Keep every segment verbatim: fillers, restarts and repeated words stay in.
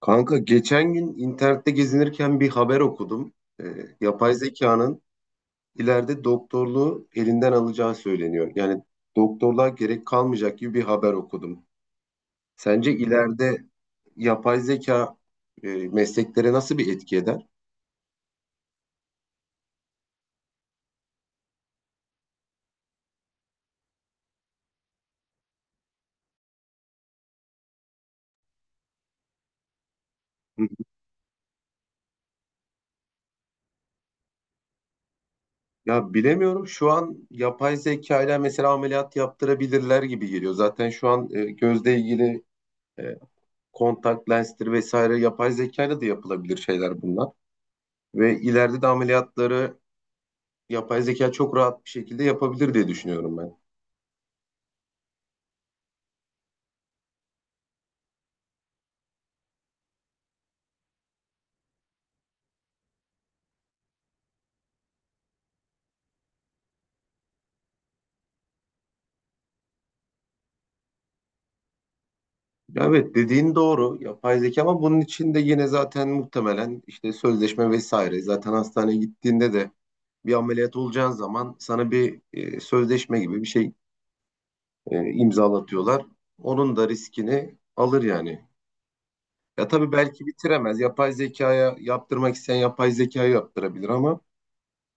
Kanka geçen gün internette gezinirken bir haber okudum. Ee, Yapay zekanın ileride doktorluğu elinden alacağı söyleniyor. Yani doktorluğa gerek kalmayacak gibi bir haber okudum. Sence ileride yapay zeka e, mesleklere nasıl bir etki eder? Hı. Ya bilemiyorum. Şu an yapay zeka ile mesela ameliyat yaptırabilirler gibi geliyor. Zaten şu an e, gözle ilgili e, kontak lenstir vesaire yapay zeka ile de yapılabilir şeyler bunlar. Ve ileride de ameliyatları yapay zeka çok rahat bir şekilde yapabilir diye düşünüyorum ben. Evet dediğin doğru yapay zeka ama bunun için de yine zaten muhtemelen işte sözleşme vesaire zaten hastaneye gittiğinde de bir ameliyat olacağın zaman sana bir e, sözleşme gibi bir şey e, imzalatıyorlar. Onun da riskini alır yani. Ya tabii belki bitiremez. Yapay zekaya yaptırmak isteyen yapay zekaya yaptırabilir ama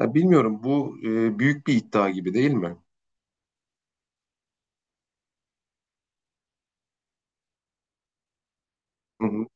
ya bilmiyorum bu e, büyük bir iddia gibi değil mi? Hı hı.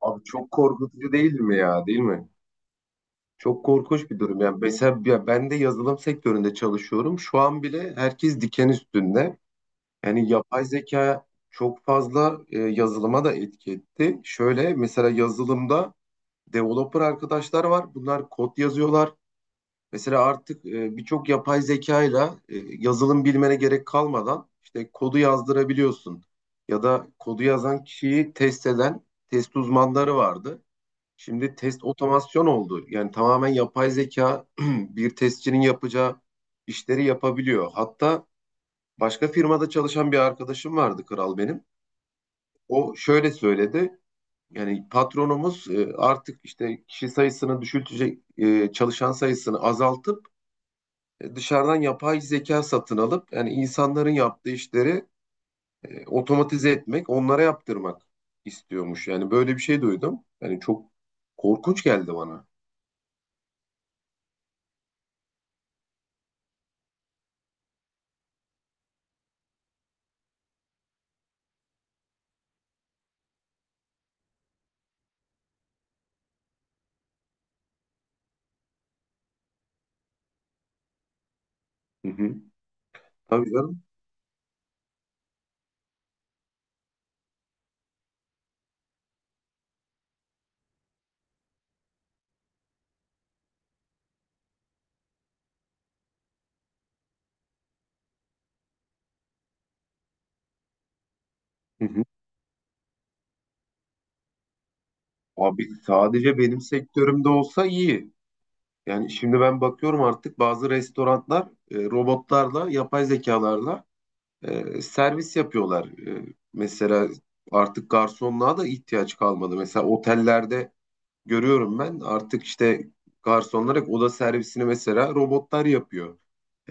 Abi çok korkutucu değil mi ya değil mi? Çok korkunç bir durum. Yani mesela ya ben de yazılım sektöründe çalışıyorum. Şu an bile herkes diken üstünde. Yani yapay zeka çok fazla e, yazılıma da etki etti. Şöyle mesela yazılımda developer arkadaşlar var. Bunlar kod yazıyorlar. Mesela artık e, birçok yapay zekayla e, yazılım bilmene gerek kalmadan işte kodu yazdırabiliyorsun. Ya da kodu yazan kişiyi test eden test uzmanları vardı. Şimdi test otomasyon oldu. Yani tamamen yapay zeka bir testçinin yapacağı işleri yapabiliyor. Hatta başka firmada çalışan bir arkadaşım vardı kral benim. O şöyle söyledi. Yani patronumuz e, artık işte kişi sayısını düşültecek, e, çalışan sayısını azaltıp e, dışarıdan yapay zeka satın alıp yani insanların yaptığı işleri e, otomatize etmek, onlara yaptırmak istiyormuş. Yani böyle bir şey duydum. Yani çok korkunç geldi bana. Hı hı. Tabii canım. Hı hı. Abi sadece benim sektörümde olsa iyi. Yani şimdi ben bakıyorum artık bazı restoranlar e, robotlarla, yapay zekalarla e, servis yapıyorlar. E, mesela artık garsonluğa da ihtiyaç kalmadı. Mesela otellerde görüyorum ben artık işte garsonlar hep oda servisini mesela robotlar yapıyor.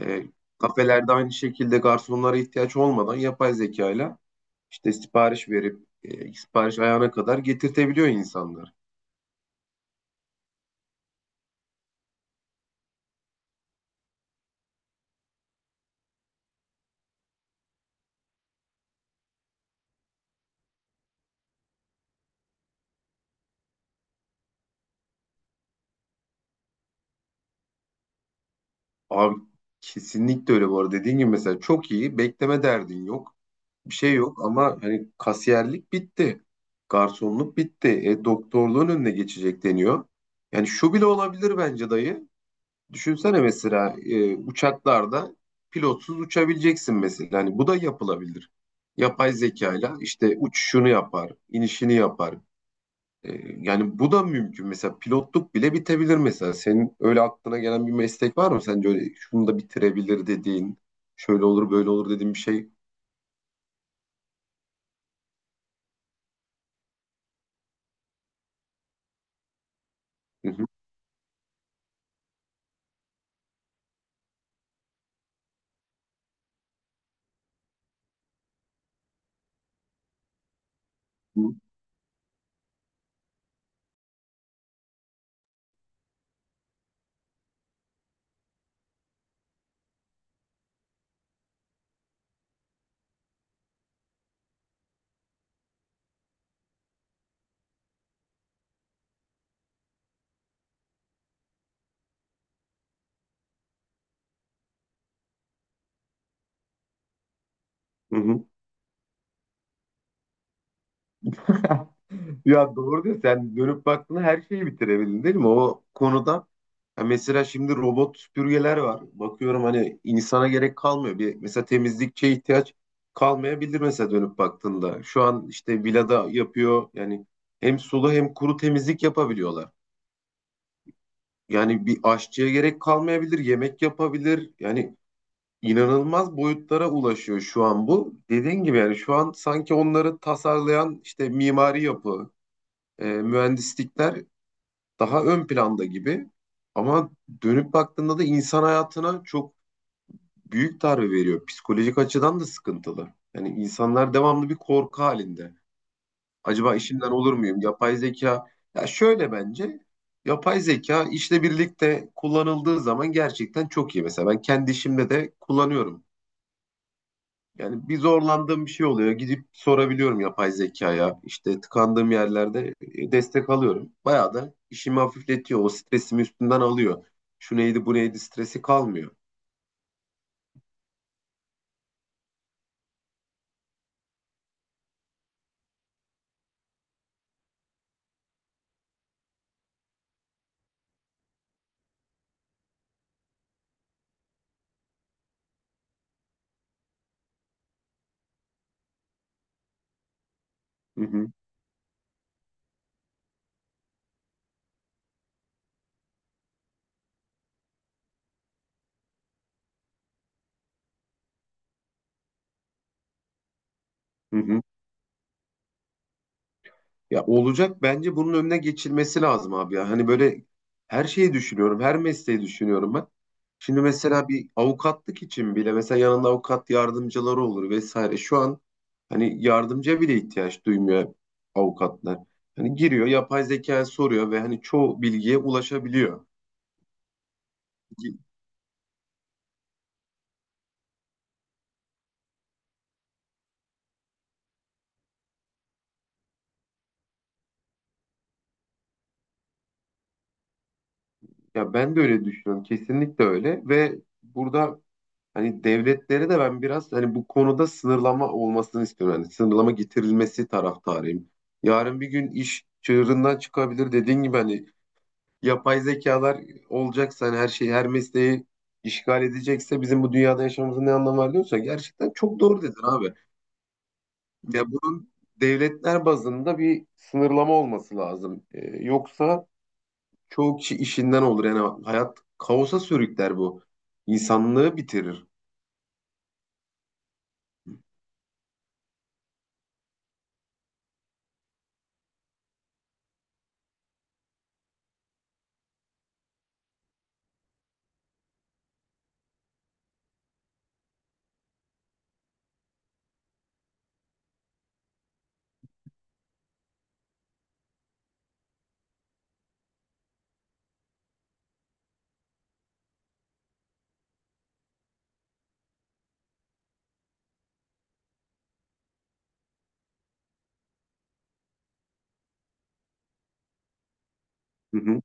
E, Kafelerde aynı şekilde garsonlara ihtiyaç olmadan yapay zekayla işte sipariş verip e, sipariş ayağına kadar getirtebiliyor insanlar. Abi kesinlikle öyle bu arada. Dediğin gibi mesela çok iyi. Bekleme derdin yok. Bir şey yok ama hani kasiyerlik bitti. Garsonluk bitti. E, doktorluğun önüne geçecek deniyor. Yani şu bile olabilir bence dayı. Düşünsene mesela e, uçaklarda pilotsuz uçabileceksin mesela. Hani bu da yapılabilir. Yapay zekayla işte uçuşunu yapar, inişini yapar. E, Yani bu da mümkün. Mesela pilotluk bile bitebilir mesela. Senin öyle aklına gelen bir meslek var mı? Sence öyle şunu da bitirebilir dediğin, şöyle olur böyle olur dediğin bir şey. Hı hı, hı hı, hı. Ya doğru diyorsun. Sen dönüp baktığında her şeyi bitirebildin değil mi? O konuda ya mesela şimdi robot süpürgeler var. Bakıyorum hani insana gerek kalmıyor. Bir, mesela temizlikçiye ihtiyaç kalmayabilir mesela dönüp baktığında. Şu an işte villada yapıyor. Yani hem sulu hem kuru temizlik yapabiliyorlar. Yani bir aşçıya gerek kalmayabilir, yemek yapabilir. Yani inanılmaz boyutlara ulaşıyor şu an bu. Dediğin gibi yani şu an sanki onları tasarlayan işte mimari yapı, e, mühendislikler daha ön planda gibi. Ama dönüp baktığında da insan hayatına çok büyük darbe veriyor. Psikolojik açıdan da sıkıntılı. Yani insanlar devamlı bir korku halinde. Acaba işimden olur muyum? Yapay zeka. Ya şöyle bence yapay zeka işle birlikte kullanıldığı zaman gerçekten çok iyi. Mesela ben kendi işimde de kullanıyorum. Yani bir zorlandığım bir şey oluyor. Gidip sorabiliyorum yapay zekaya. İşte tıkandığım yerlerde e, destek alıyorum. Bayağı da işimi hafifletiyor. O stresimi üstünden alıyor. Şu neydi bu neydi stresi kalmıyor. Hı hı, hı hı. Ya olacak bence bunun önüne geçilmesi lazım abi ya. Hani böyle her şeyi düşünüyorum, her mesleği düşünüyorum ben. Şimdi mesela bir avukatlık için bile mesela yanında avukat yardımcıları olur vesaire. Şu an hani yardımcıya bile ihtiyaç duymuyor avukatlar. Hani giriyor, yapay zekaya soruyor ve hani çoğu bilgiye ulaşabiliyor. Ya ben de öyle düşünüyorum. Kesinlikle öyle ve burada hani devletleri de ben biraz hani bu konuda sınırlama olmasını istiyorum. Yani sınırlama getirilmesi taraftarıyım. Yarın bir gün iş çığırından çıkabilir. Dediğin gibi hani yapay zekalar olacaksa hani her şeyi her mesleği işgal edecekse bizim bu dünyada yaşamamızın ne anlamı var diyorsa gerçekten çok doğru dedin abi. Ya bunun devletler bazında bir sınırlama olması lazım. Ee, yoksa çoğu kişi işinden olur. Yani hayat kaosa sürükler bu. İnsanlığı bitirir. Hı hı.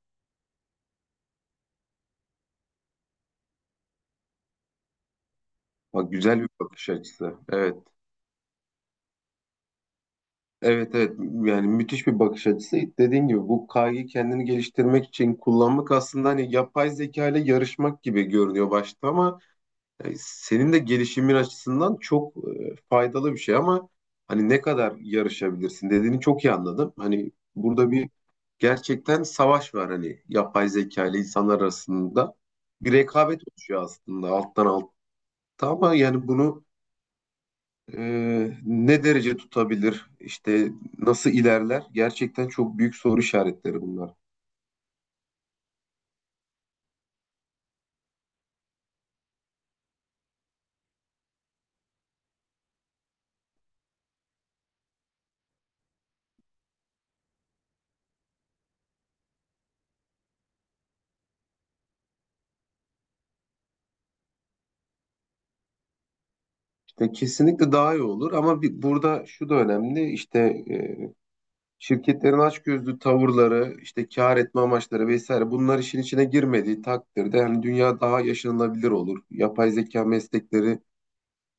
Bak güzel bir bakış açısı. Evet. Evet evet. Yani müthiş bir bakış açısı. Dediğin gibi bu kaygıyı kendini geliştirmek için kullanmak aslında hani yapay zeka ile yarışmak gibi görünüyor başta ama e, senin de gelişimin açısından çok e, faydalı bir şey ama hani ne kadar yarışabilirsin dediğini çok iyi anladım. Hani burada bir gerçekten savaş var hani yapay zeka ile insanlar arasında. Bir rekabet oluşuyor aslında alttan alta ama yani bunu Ee, ne derece tutabilir? İşte nasıl ilerler? Gerçekten çok büyük soru işaretleri bunlar. İşte kesinlikle daha iyi olur ama bir, burada şu da önemli işte e, şirketlerin açgözlü tavırları, işte kar etme amaçları vesaire bunlar işin içine girmediği takdirde hani dünya daha yaşanılabilir olur. Yapay zeka meslekleri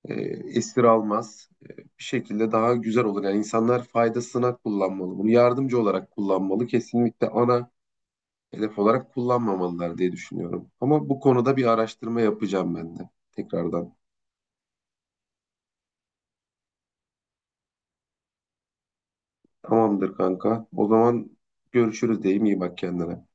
e, esir almaz. E, bir şekilde daha güzel olur. Yani insanlar faydasına kullanmalı bunu, yardımcı olarak kullanmalı. Kesinlikle ana hedef olarak kullanmamalılar diye düşünüyorum. Ama bu konuda bir araştırma yapacağım ben de tekrardan. Tamamdır kanka. O zaman görüşürüz diyeyim. İyi bak kendine.